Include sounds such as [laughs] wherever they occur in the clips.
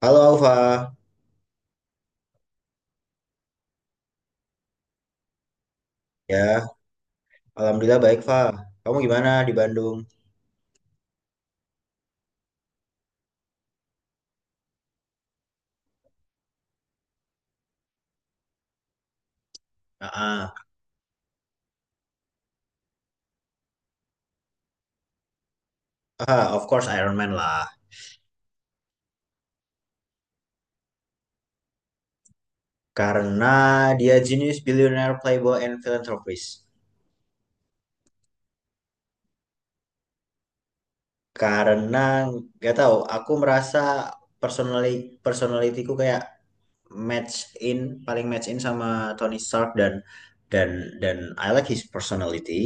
Halo Alfa, ya Alhamdulillah baik Fa. Kamu gimana di Bandung? Ah, ah. Ah, of course Iron Man lah. Karena dia genius, billionaire, playboy, and philanthropist. Karena gak tahu, aku merasa personally personalityku kayak match in, paling match in sama Tony Stark dan dan I like his personality.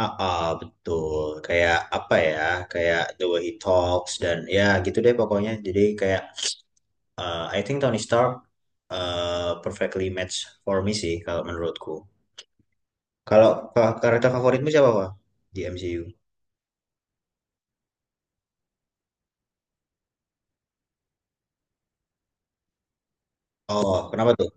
Ah, ah, betul. Kayak apa ya? Kayak the way he talks dan ya gitu deh pokoknya. Jadi kayak I think Tony Stark perfectly match for me sih kalau menurutku. Kalau karakter favoritmu siapa, Pak? Di MCU. Oh, kenapa tuh?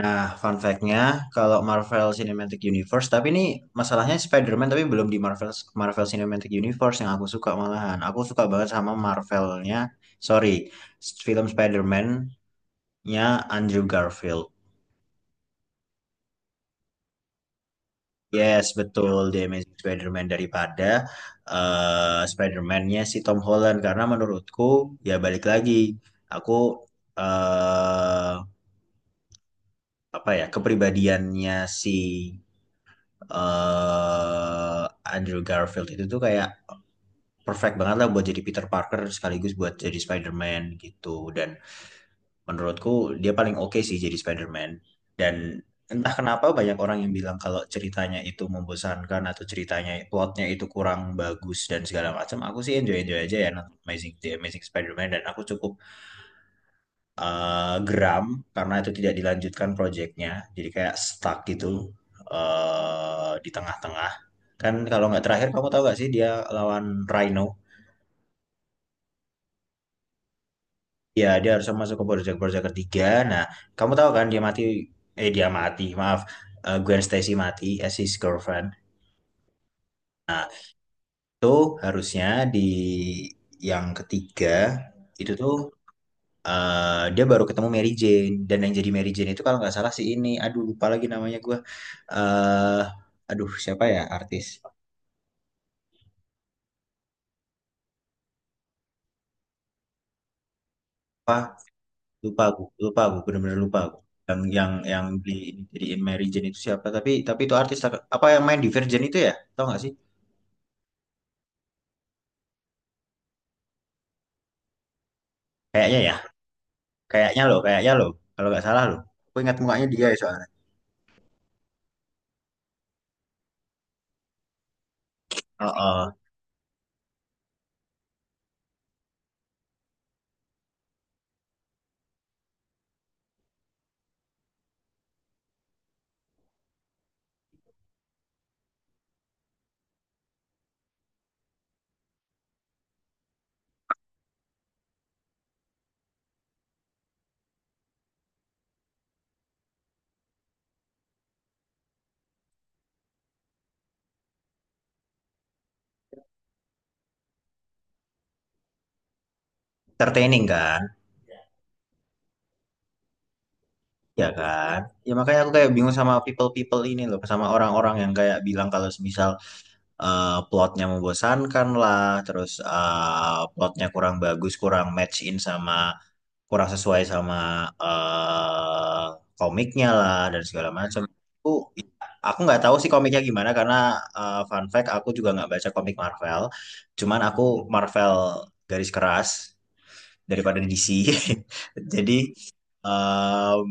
Nah, fun fact-nya, kalau Marvel Cinematic Universe, tapi ini masalahnya Spider-Man tapi belum di Marvel Marvel Cinematic Universe yang aku suka malahan. Aku suka banget sama Marvel-nya, sorry, film Spider-Man-nya Andrew Garfield. Yes, betul The Amazing Spider-Man daripada Spider-Man-nya si Tom Holland karena menurutku ya balik lagi aku eh apa ya kepribadiannya si eh Andrew Garfield itu tuh kayak perfect banget lah buat jadi Peter Parker sekaligus buat jadi Spider-Man gitu dan menurutku dia paling oke sih jadi Spider-Man. Dan entah kenapa banyak orang yang bilang kalau ceritanya itu membosankan atau ceritanya plotnya itu kurang bagus dan segala macam. Aku sih enjoy-enjoy aja ya nonton The Amazing Spider-Man dan aku cukup geram karena itu tidak dilanjutkan proyeknya. Jadi kayak stuck gitu di tengah-tengah. Kan kalau nggak terakhir kamu tahu nggak sih dia lawan Rhino. Ya dia harus masuk ke Bojack Bojack ketiga. Nah, kamu tahu kan dia mati, eh dia mati, maaf, eh, Gwen Stacy mati as his girlfriend. Itu harusnya di yang ketiga itu tuh dia baru ketemu Mary Jane dan yang jadi Mary Jane itu kalau nggak salah si ini, aduh lupa lagi namanya gue eh aduh siapa ya artis? Apa? Lupa aku, bener-bener lupa aku. Yang di jadiin Mary Jane itu siapa? Tapi itu artis apa yang main di Virgin itu ya? Tau nggak sih? Kayaknya ya. Kayaknya loh, kayaknya loh. Kalau nggak salah loh. Aku ingat mukanya dia ya soalnya. Oh, oh. Entertaining kan? Ya kan? Ya makanya aku kayak bingung sama people-people ini loh. Sama orang-orang yang kayak bilang kalau semisal plotnya membosankan lah. Terus plotnya kurang bagus, kurang match in sama kurang sesuai sama eh, komiknya lah dan segala macam. Aku aku nggak tahu sih komiknya gimana karena fun fact aku juga nggak baca komik Marvel. Cuman aku Marvel garis keras daripada DC. [laughs] Jadi em,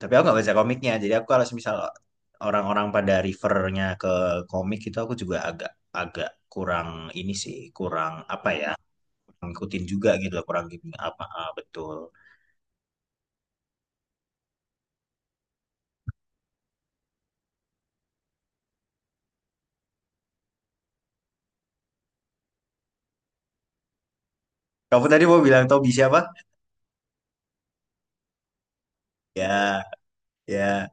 tapi aku nggak baca komiknya. Jadi aku kalau misal orang-orang pada refernya ke komik itu aku juga agak agak kurang ini sih, kurang apa ya? Kurang ngikutin juga gitu loh, kurang gini apa ah, betul. Kamu tadi mau bilang Toby siapa? Ya, ya.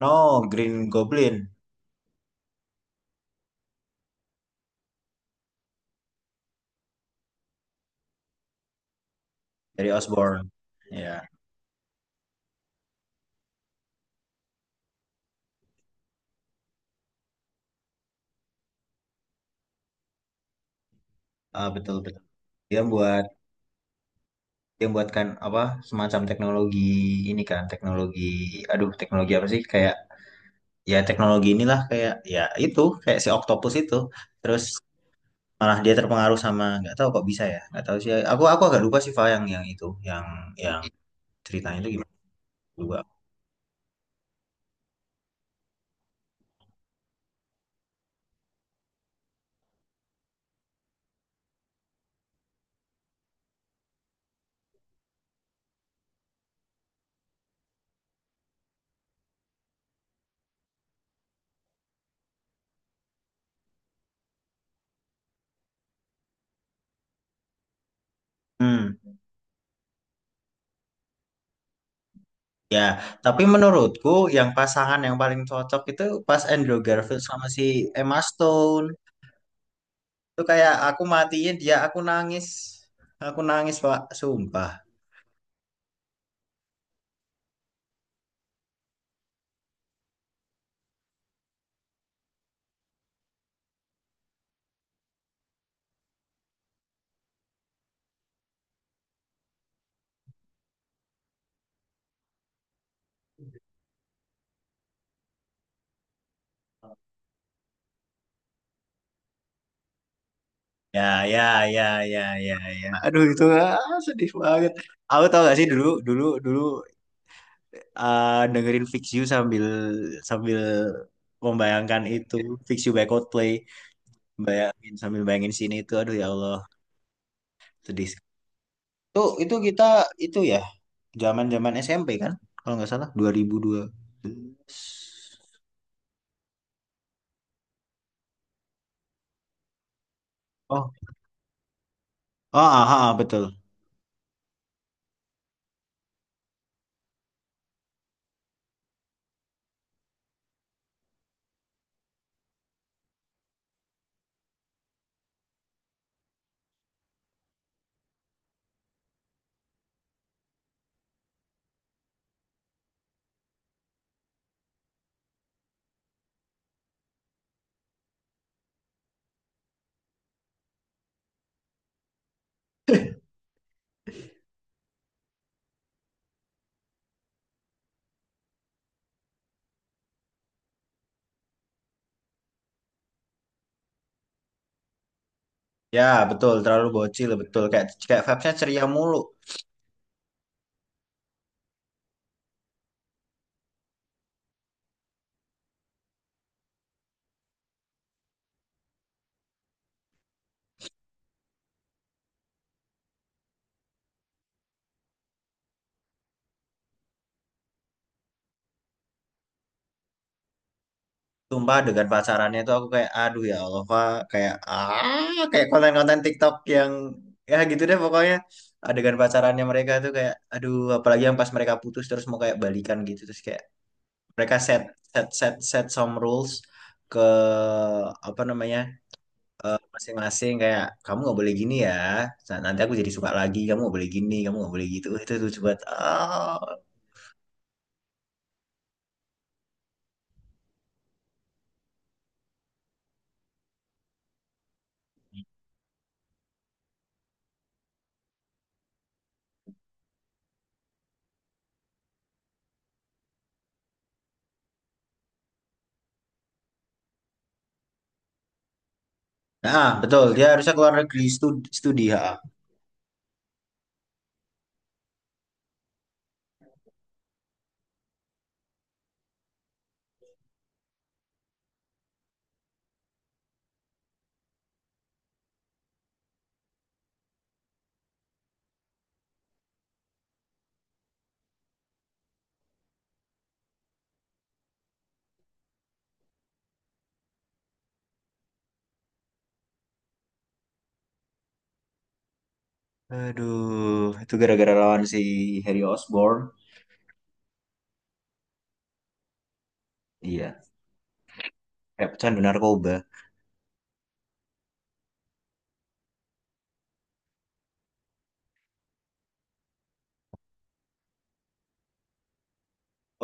No, Green Goblin dari Osborn. Ya, ah, betul betul. Dia buat Dia buatkan apa semacam teknologi ini kan, teknologi aduh teknologi apa sih kayak ya teknologi inilah kayak ya itu kayak si Octopus itu. Terus malah dia terpengaruh sama nggak tahu kok bisa ya nggak tahu sih aku agak lupa sih Fa yang itu yang yang ceritanya itu gimana lupa. Hmm. Ya, tapi menurutku yang pasangan yang paling cocok itu pas Andrew Garfield sama si Emma Stone. Itu kayak aku matiin dia, aku nangis. Aku nangis, Pak. Sumpah. Ya, ya, ya, ya, ya, ya. Aduh, itu ah, sedih banget. Aku tau gak sih dulu, dulu, dulu ah, dengerin Fix You sambil sambil membayangkan itu. Fix You by Coldplay. Bayangin sambil bayangin sini itu. Aduh, ya Allah. Sedih. Itu kita, itu ya. Zaman-zaman SMP kan? Kalau nggak salah 2002. Oh, oh, aha, betul. [laughs] Ya, betul, terlalu bocil, betul. Kayak kayak Febsnya ceria mulu. Sumpah dengan pacarannya tuh aku kayak aduh ya Allah, Fa. Kayak ah kayak konten-konten TikTok yang ya gitu deh pokoknya. Adegan pacarannya mereka tuh kayak aduh, apalagi yang pas mereka putus terus mau kayak balikan gitu terus kayak mereka set set set set some rules ke apa namanya masing-masing kayak kamu nggak boleh gini ya. Nah, nanti aku jadi suka lagi kamu nggak boleh gini kamu nggak boleh gitu. Itu lucu banget ah. Nah betul dia harusnya keluar negeri studi, studi ha aduh itu gara-gara lawan si Harry Osborn iya kayak pecandu narkoba.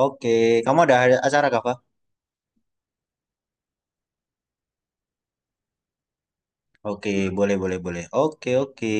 Oke kamu ada acara kah Pak? Oke boleh boleh boleh oke oke.